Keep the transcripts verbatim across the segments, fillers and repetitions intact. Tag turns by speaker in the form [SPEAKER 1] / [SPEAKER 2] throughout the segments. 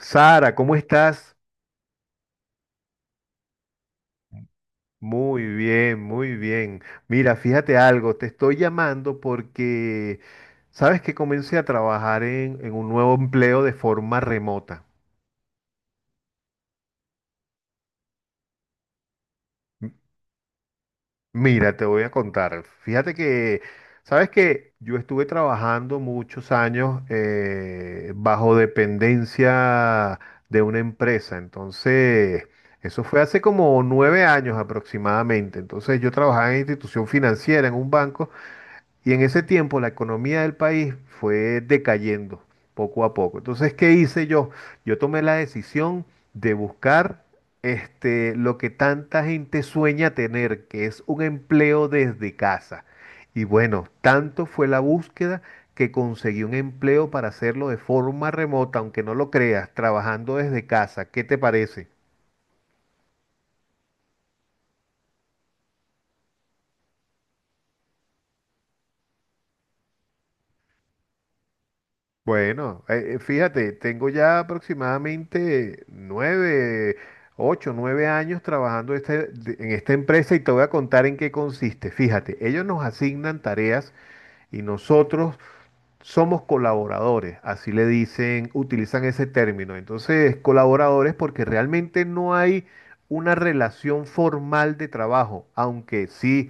[SPEAKER 1] Sara, ¿cómo estás? Muy bien, muy bien. Mira, fíjate algo, te estoy llamando porque sabes que comencé a trabajar en, en un nuevo empleo de forma remota. M- Mira, te voy a contar. Fíjate que, sabes que yo estuve trabajando muchos años eh, bajo dependencia de una empresa. Entonces, eso fue hace como nueve años aproximadamente. Entonces, yo trabajaba en institución financiera, en un banco. Y en ese tiempo la economía del país fue decayendo poco a poco. Entonces, ¿qué hice yo? Yo tomé la decisión de buscar este, lo que tanta gente sueña tener, que es un empleo desde casa. Y bueno, tanto fue la búsqueda que conseguí un empleo para hacerlo de forma remota, aunque no lo creas, trabajando desde casa. ¿Qué te parece? Bueno, eh, eh, fíjate, tengo ya aproximadamente nueve, ocho, nueve años trabajando este- de- en esta empresa y te voy a contar en qué consiste. Fíjate, ellos nos asignan tareas y nosotros somos colaboradores, así le dicen, utilizan ese término. Entonces, colaboradores porque realmente no hay una relación formal de trabajo, aunque sí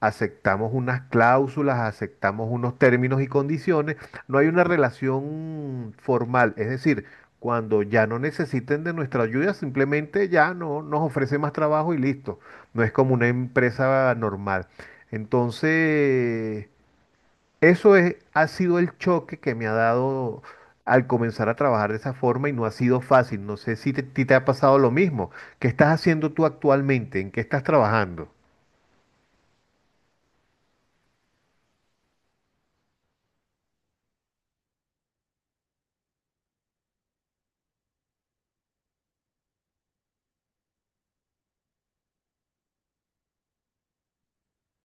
[SPEAKER 1] aceptamos unas cláusulas, aceptamos unos términos y condiciones, no hay una relación formal. Es decir, cuando ya no necesiten de nuestra ayuda, simplemente ya no nos ofrece más trabajo y listo. No es como una empresa normal. Entonces, eso es, ha sido el choque que me ha dado al comenzar a trabajar de esa forma y no ha sido fácil. No sé si te, ti te ha pasado lo mismo. ¿Qué estás haciendo tú actualmente? ¿En qué estás trabajando?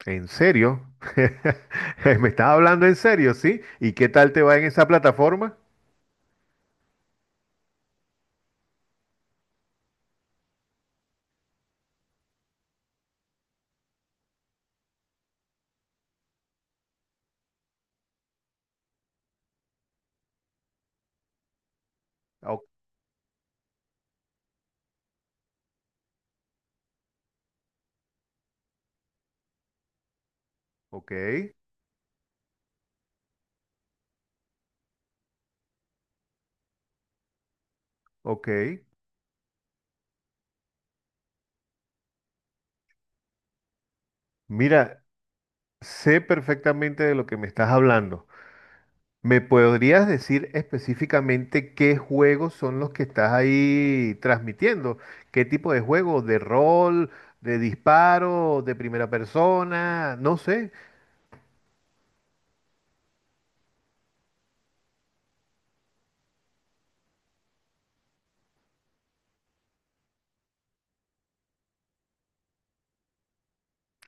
[SPEAKER 1] ¿En serio? ¿Me estás hablando en serio, sí? ¿Y qué tal te va en esa plataforma? O- ok, ok. Mira, sé perfectamente de lo que me estás hablando. ¿Me podrías decir específicamente qué juegos son los que estás ahí transmitiendo? ¿Qué tipo de juego? ¿De rol? ¿De disparo? ¿De primera persona? No sé.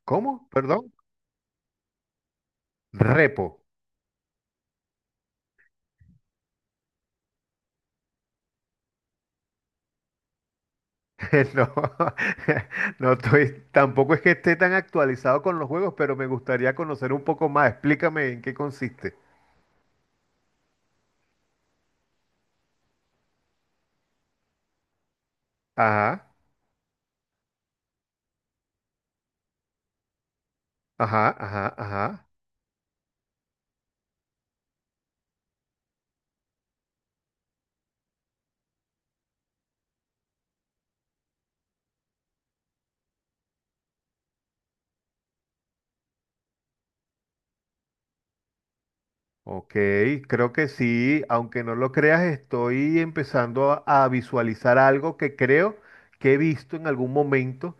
[SPEAKER 1] ¿Cómo? Perdón. Repo. No, no estoy, tampoco es que esté tan actualizado con los juegos, pero me gustaría conocer un poco más. Explícame en qué consiste. Ajá, ajá, ajá, ajá. Ok, creo que sí, aunque no lo creas, estoy empezando a, a visualizar algo que creo que he visto en algún momento,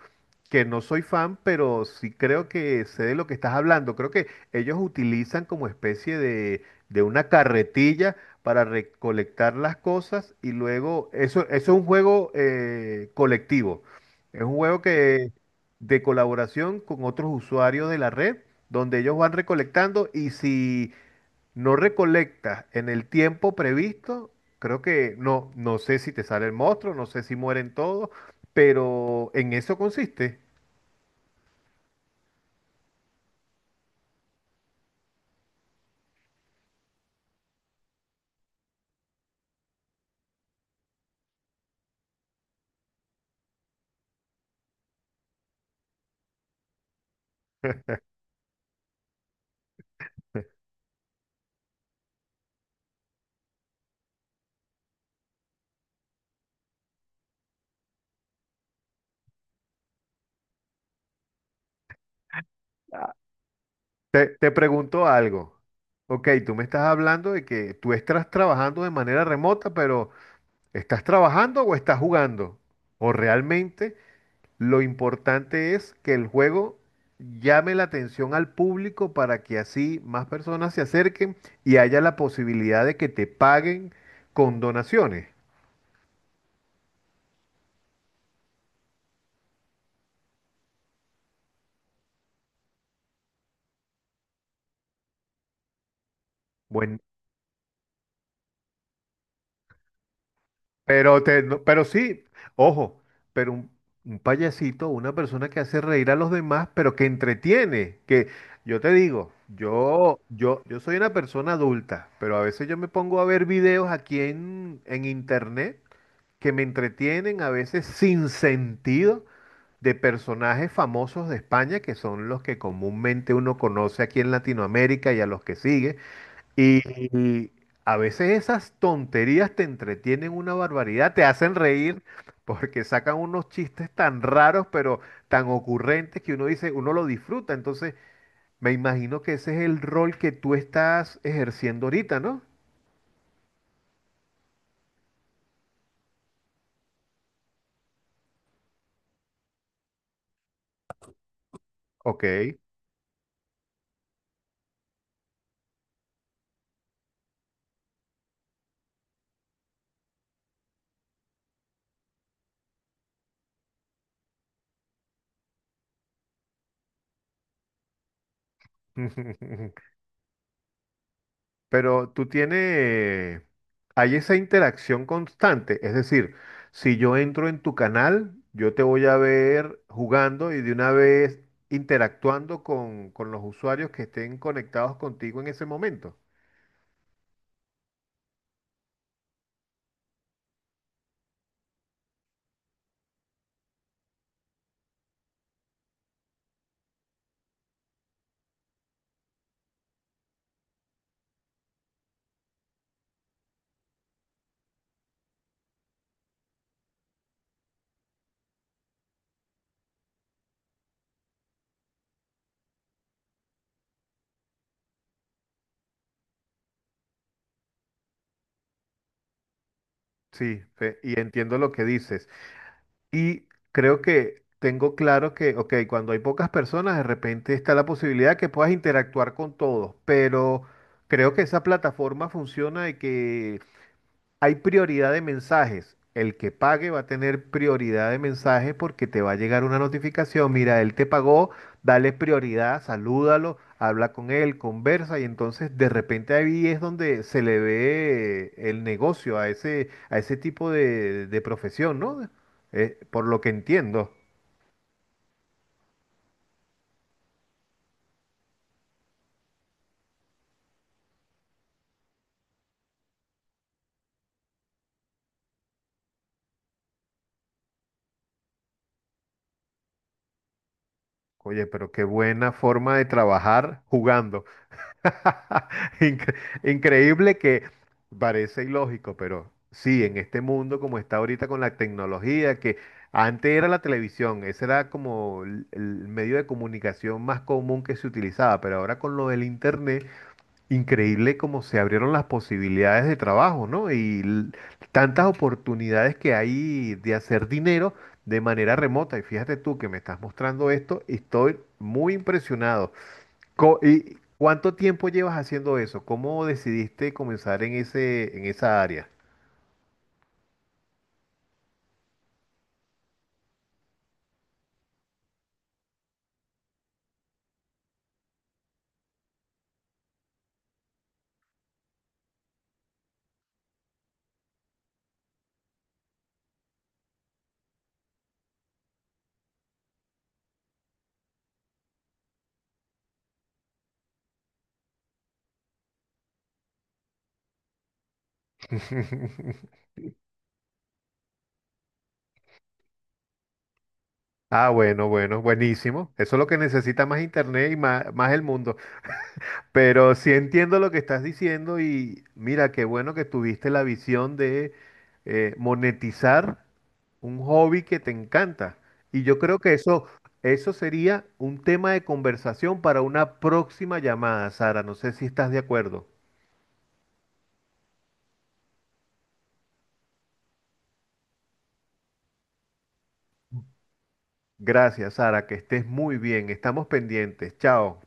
[SPEAKER 1] que no soy fan, pero sí creo que sé de lo que estás hablando. Creo que ellos utilizan como especie de, de una carretilla para recolectar las cosas y luego, eso, eso es un juego eh, colectivo, es un juego que de colaboración con otros usuarios de la red, donde ellos van recolectando y si no recolectas en el tiempo previsto, creo que no, no sé si te sale el monstruo, no sé si mueren todos, pero en eso consiste. Te, te pregunto algo. Ok, tú me estás hablando de que tú estás trabajando de manera remota, pero ¿estás trabajando o estás jugando? O realmente lo importante es que el juego llame la atención al público para que así más personas se acerquen y haya la posibilidad de que te paguen con donaciones. Bueno, pero te, no- pero sí, ojo, pero un, un payasito, una persona que hace reír a los demás, pero que entretiene, que yo te digo, yo, yo, yo soy una persona adulta, pero a veces yo me pongo a ver videos aquí en, en internet que me entretienen a veces sin sentido de personajes famosos de España, que son los que comúnmente uno conoce aquí en Latinoamérica y a los que sigue. Y a veces esas tonterías te entretienen una barbaridad, te hacen reír porque sacan unos chistes tan raros, pero tan ocurrentes que uno dice, uno lo disfruta. Entonces, me imagino que ese es el rol que tú estás ejerciendo ahorita, ¿no? Ok. Pero tú tienes, hay esa interacción constante, es decir, si yo entro en tu canal, yo te voy a ver jugando y de una vez interactuando con, con los usuarios que estén conectados contigo en ese momento. Sí, fe- y entiendo lo que dices. Y creo que tengo claro que, ok, cuando hay pocas personas, de repente está la posibilidad que puedas interactuar con todos, pero creo que esa plataforma funciona y que hay prioridad de mensajes. El que pague va a tener prioridad de mensajes porque te va a llegar una notificación. Mira, él te pagó, dale prioridad, salúdalo, habla con él, conversa y entonces de repente ahí es donde se le ve el negocio a ese, a ese tipo de, de profesión, ¿no? Eh, por lo que entiendo. Oye, pero qué buena forma de trabajar jugando. Incre- Increíble que parece ilógico, pero sí, en este mundo como está ahorita con la tecnología, que antes era la televisión, ese era como el, el medio de comunicación más común que se utilizaba, pero ahora con lo del internet, increíble como se abrieron las posibilidades de trabajo, ¿no? Y l- tantas oportunidades que hay de hacer dinero de manera remota. Y fíjate tú que me estás mostrando esto y estoy muy impresionado. Co- ¿Y cuánto tiempo llevas haciendo eso? ¿Cómo decidiste comenzar en ese, en esa área? Ah, bueno, bueno, buenísimo. Eso es lo que necesita más internet y más, más el mundo. Pero sí entiendo lo que estás diciendo y mira, qué bueno que tuviste la visión de eh, monetizar un hobby que te encanta. Y yo creo que eso, eso sería un tema de conversación para una próxima llamada, Sara. No sé si estás de acuerdo. Gracias, Sara, que estés muy bien. Estamos pendientes. Chao.